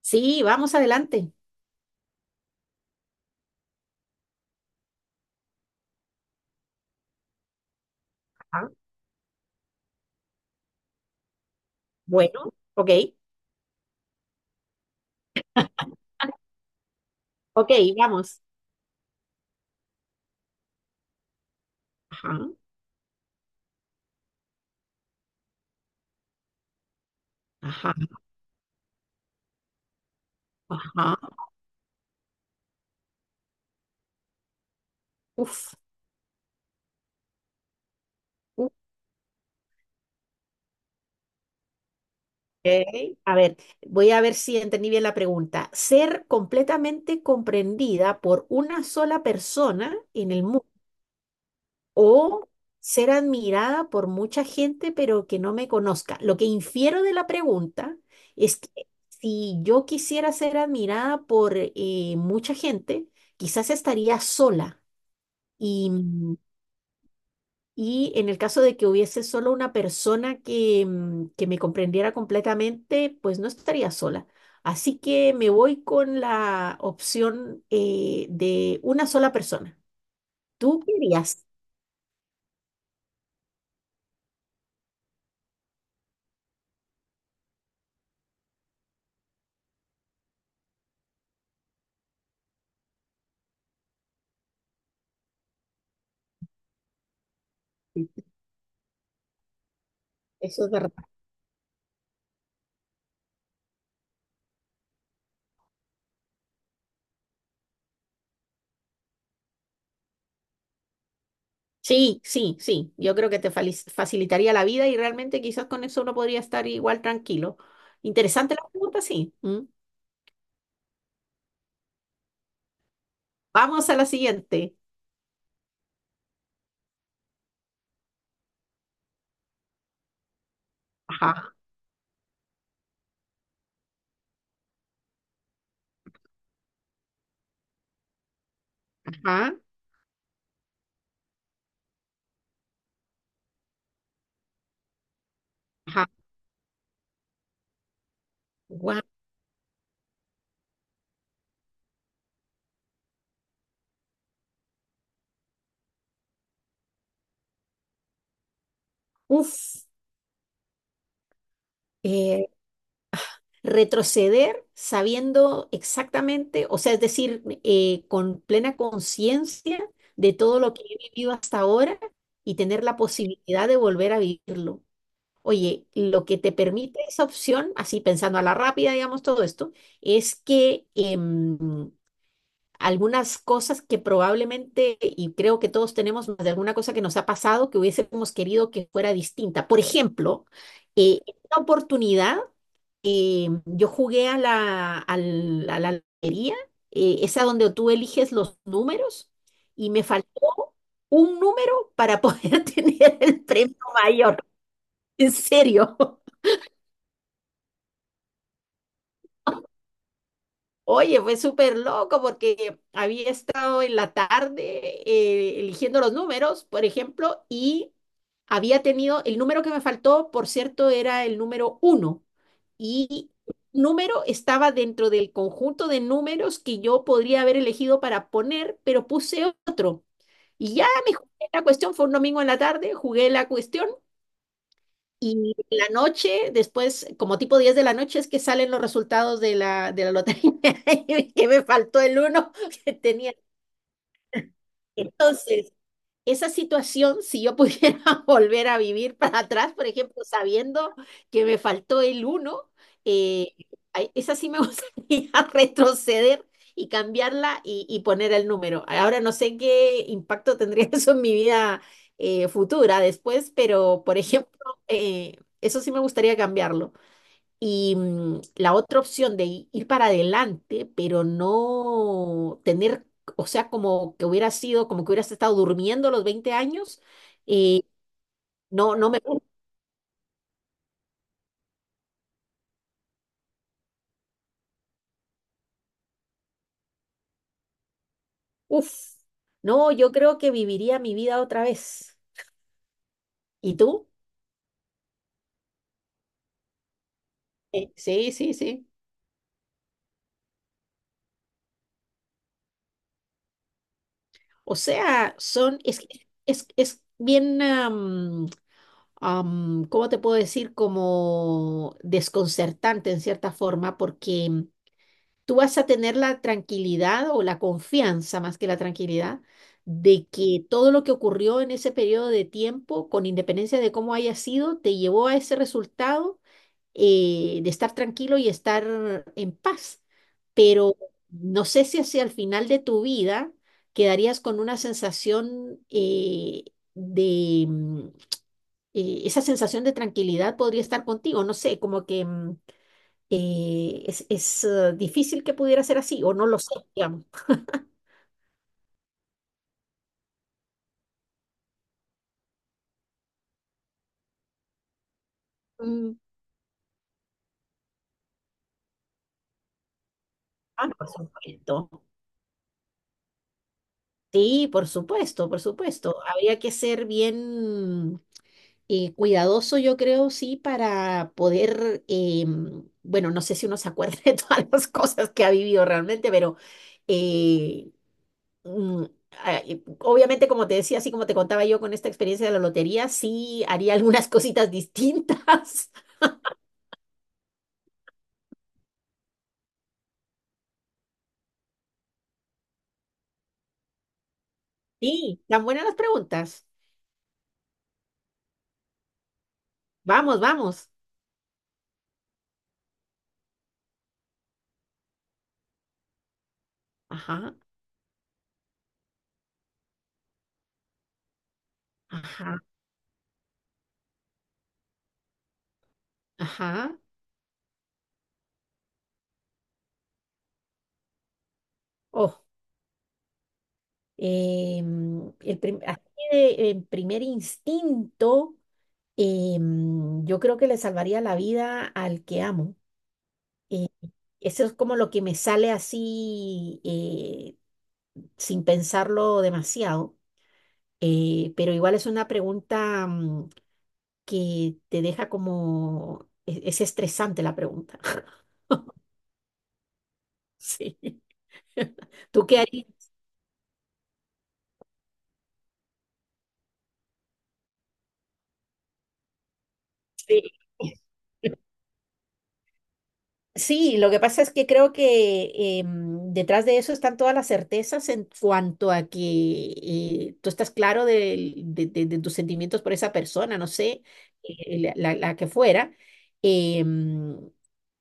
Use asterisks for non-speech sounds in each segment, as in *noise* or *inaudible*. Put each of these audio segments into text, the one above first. Sí, vamos adelante. Ajá. Bueno, ok, ok, vamos. Ajá, ajá, ajá. Uf, uf, ok. A ver, voy a ver si entendí bien la pregunta. Ser completamente comprendida por una sola persona en el mundo o ser admirada por mucha gente pero que no me conozca. Lo que infiero de la pregunta es que si yo quisiera ser admirada por mucha gente, quizás estaría sola. Y, y en el caso de que hubiese solo una persona que, que me comprendiera completamente, pues no estaría sola. Así que me voy con la opción de una sola persona. ¿Tú qué harías? Sí. Eso es verdad. Sí, sí, sí. Yo creo que te facilitaría la vida y realmente quizás con eso uno podría estar igual tranquilo. Interesante la pregunta, sí. ¿Mm? Vamos a la siguiente. Ajá, ajá, ajá. Guau. Uf. eh, Retroceder sabiendo exactamente, o sea, es decir, con plena conciencia de todo lo que he vivido hasta ahora y tener la posibilidad de volver a vivirlo. Oye, lo que te permite esa opción, así pensando a la rápida, digamos, todo esto, es que algunas cosas que probablemente, y creo que todos tenemos más de alguna cosa que nos ha pasado que hubiésemos querido que fuera distinta. Por ejemplo, esta oportunidad yo jugué a a la lotería, esa donde tú eliges los números, y me faltó un número para poder *laughs* tener el premio mayor. En serio. *laughs* Oye, fue súper loco porque había estado en la tarde eligiendo los números, por ejemplo, y había tenido, el número que me faltó, por cierto, era el número uno. Y número estaba dentro del conjunto de números que yo podría haber elegido para poner, pero puse otro. Y ya me jugué la cuestión, fue un domingo en la tarde, jugué la cuestión y en la noche, después, como tipo 10 de la noche, es que salen los resultados de la lotería. *laughs* Y que me faltó el uno que tenía. Entonces, esa situación, si yo pudiera *laughs* volver a vivir para atrás, por ejemplo, sabiendo que me faltó el uno, eh, ay, esa sí me *laughs* gustaría retroceder y cambiarla y poner el número. Ahora no sé qué impacto tendría *laughs* eso en mi vida futura después, pero por ejemplo, eso sí me gustaría cambiarlo. Y la otra opción de ir para adelante, pero no tener, o sea, como que hubiera sido, como que hubieras estado durmiendo los 20 años, eh, no, no me... Uf, no, yo creo que viviría mi vida otra vez. ¿Y tú? Sí, sí, sí. O sea, son, es bien, ¿cómo te puedo decir? Como desconcertante en cierta forma, porque tú vas a tener la tranquilidad o la confianza más que la tranquilidad de que todo lo que ocurrió en ese periodo de tiempo, con independencia de cómo haya sido, te llevó a ese resultado de estar tranquilo y estar en paz. Pero no sé si hacia el final de tu vida quedarías con una sensación de... esa sensación de tranquilidad podría estar contigo, no sé, como que... es, difícil que pudiera ser así, o no lo sé, digamos. Mm. Ah, por supuesto. Sí, por supuesto, por supuesto. Habría que ser bien cuidadoso, yo creo, sí, para poder, bueno, no sé si uno se acuerda *laughs* de todas las cosas que ha vivido realmente, pero eh, mm, obviamente, como te decía, así como te contaba yo con esta experiencia de la lotería, sí haría algunas cositas distintas. *laughs* Sí, tan buenas las preguntas. Vamos, vamos. Ajá, ajá, ajá. Oh, el así de, en primer instinto, yo creo que le salvaría la vida al que amo. Eh, eso es como lo que me sale así sin pensarlo demasiado. Pero igual es una pregunta que te deja como... es estresante la pregunta. *laughs* Sí. *laughs* ¿Tú qué harías? Sí. Sí, lo que pasa es que creo que detrás de eso están todas las certezas en cuanto a que tú estás claro de tus sentimientos por esa persona, no sé, la que fuera, em,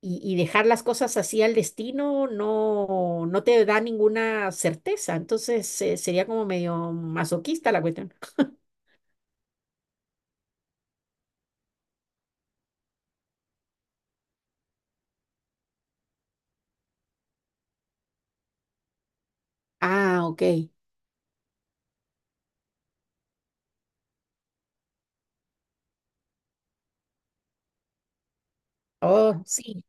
y dejar las cosas así al destino no, no te da ninguna certeza, entonces sería como medio masoquista la cuestión. Ah, ok. Oh, sí.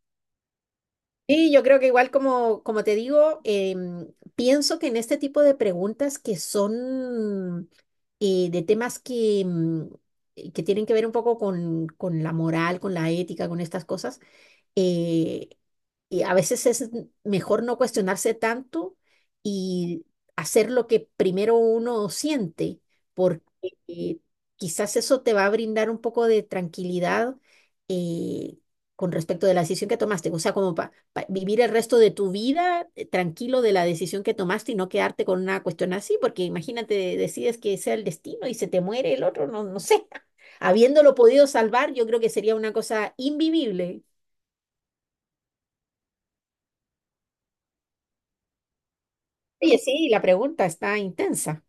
Sí, yo creo que igual como, como te digo, pienso que en este tipo de preguntas que son de temas que, que tienen que ver un poco con la moral, con la ética, con estas cosas, eh, y a veces es mejor no cuestionarse tanto y hacer lo que primero uno siente, porque eh, quizás eso te va a brindar un poco de tranquilidad eh, con respecto de la decisión que tomaste. O sea, como para vivir el resto de tu vida tranquilo de la decisión que tomaste y no quedarte con una cuestión así, porque imagínate, decides que sea el destino y se te muere el otro, no, no sé. *laughs* Habiéndolo podido salvar, yo creo que sería una cosa invivible. Oye, sí, la pregunta está intensa.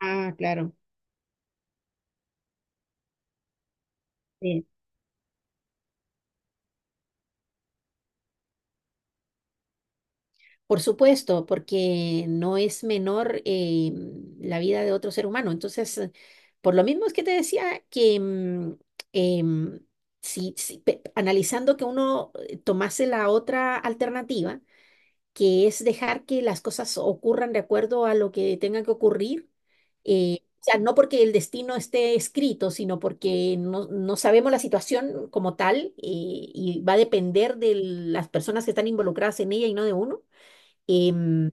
Ah, claro. Sí. Por supuesto, porque no es menor la vida de otro ser humano. Entonces, por lo mismo es que te decía que em, si, analizando que uno tomase la otra alternativa, que es dejar que las cosas ocurran de acuerdo a lo que tengan que ocurrir. O sea, no porque el destino esté escrito, sino porque no, no sabemos la situación como tal, y va a depender de las personas que están involucradas en ella y no de uno. Em,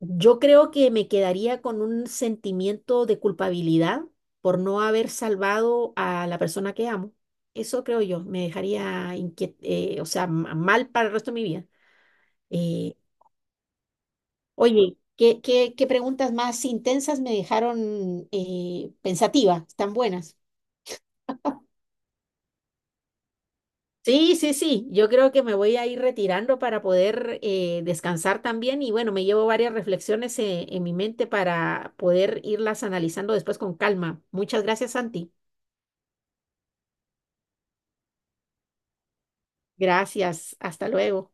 yo creo que me quedaría con un sentimiento de culpabilidad por no haber salvado a la persona que amo. Eso creo yo, me dejaría o sea, mal para el resto de mi vida. Eh, Oye, ¿ qué preguntas más intensas me dejaron pensativa? Están buenas. Sí, sí, sí. Yo creo que me voy a ir retirando para poder descansar también. Y bueno, me llevo varias reflexiones en mi mente para poder irlas analizando después con calma. Muchas gracias, Santi. Gracias. Hasta luego.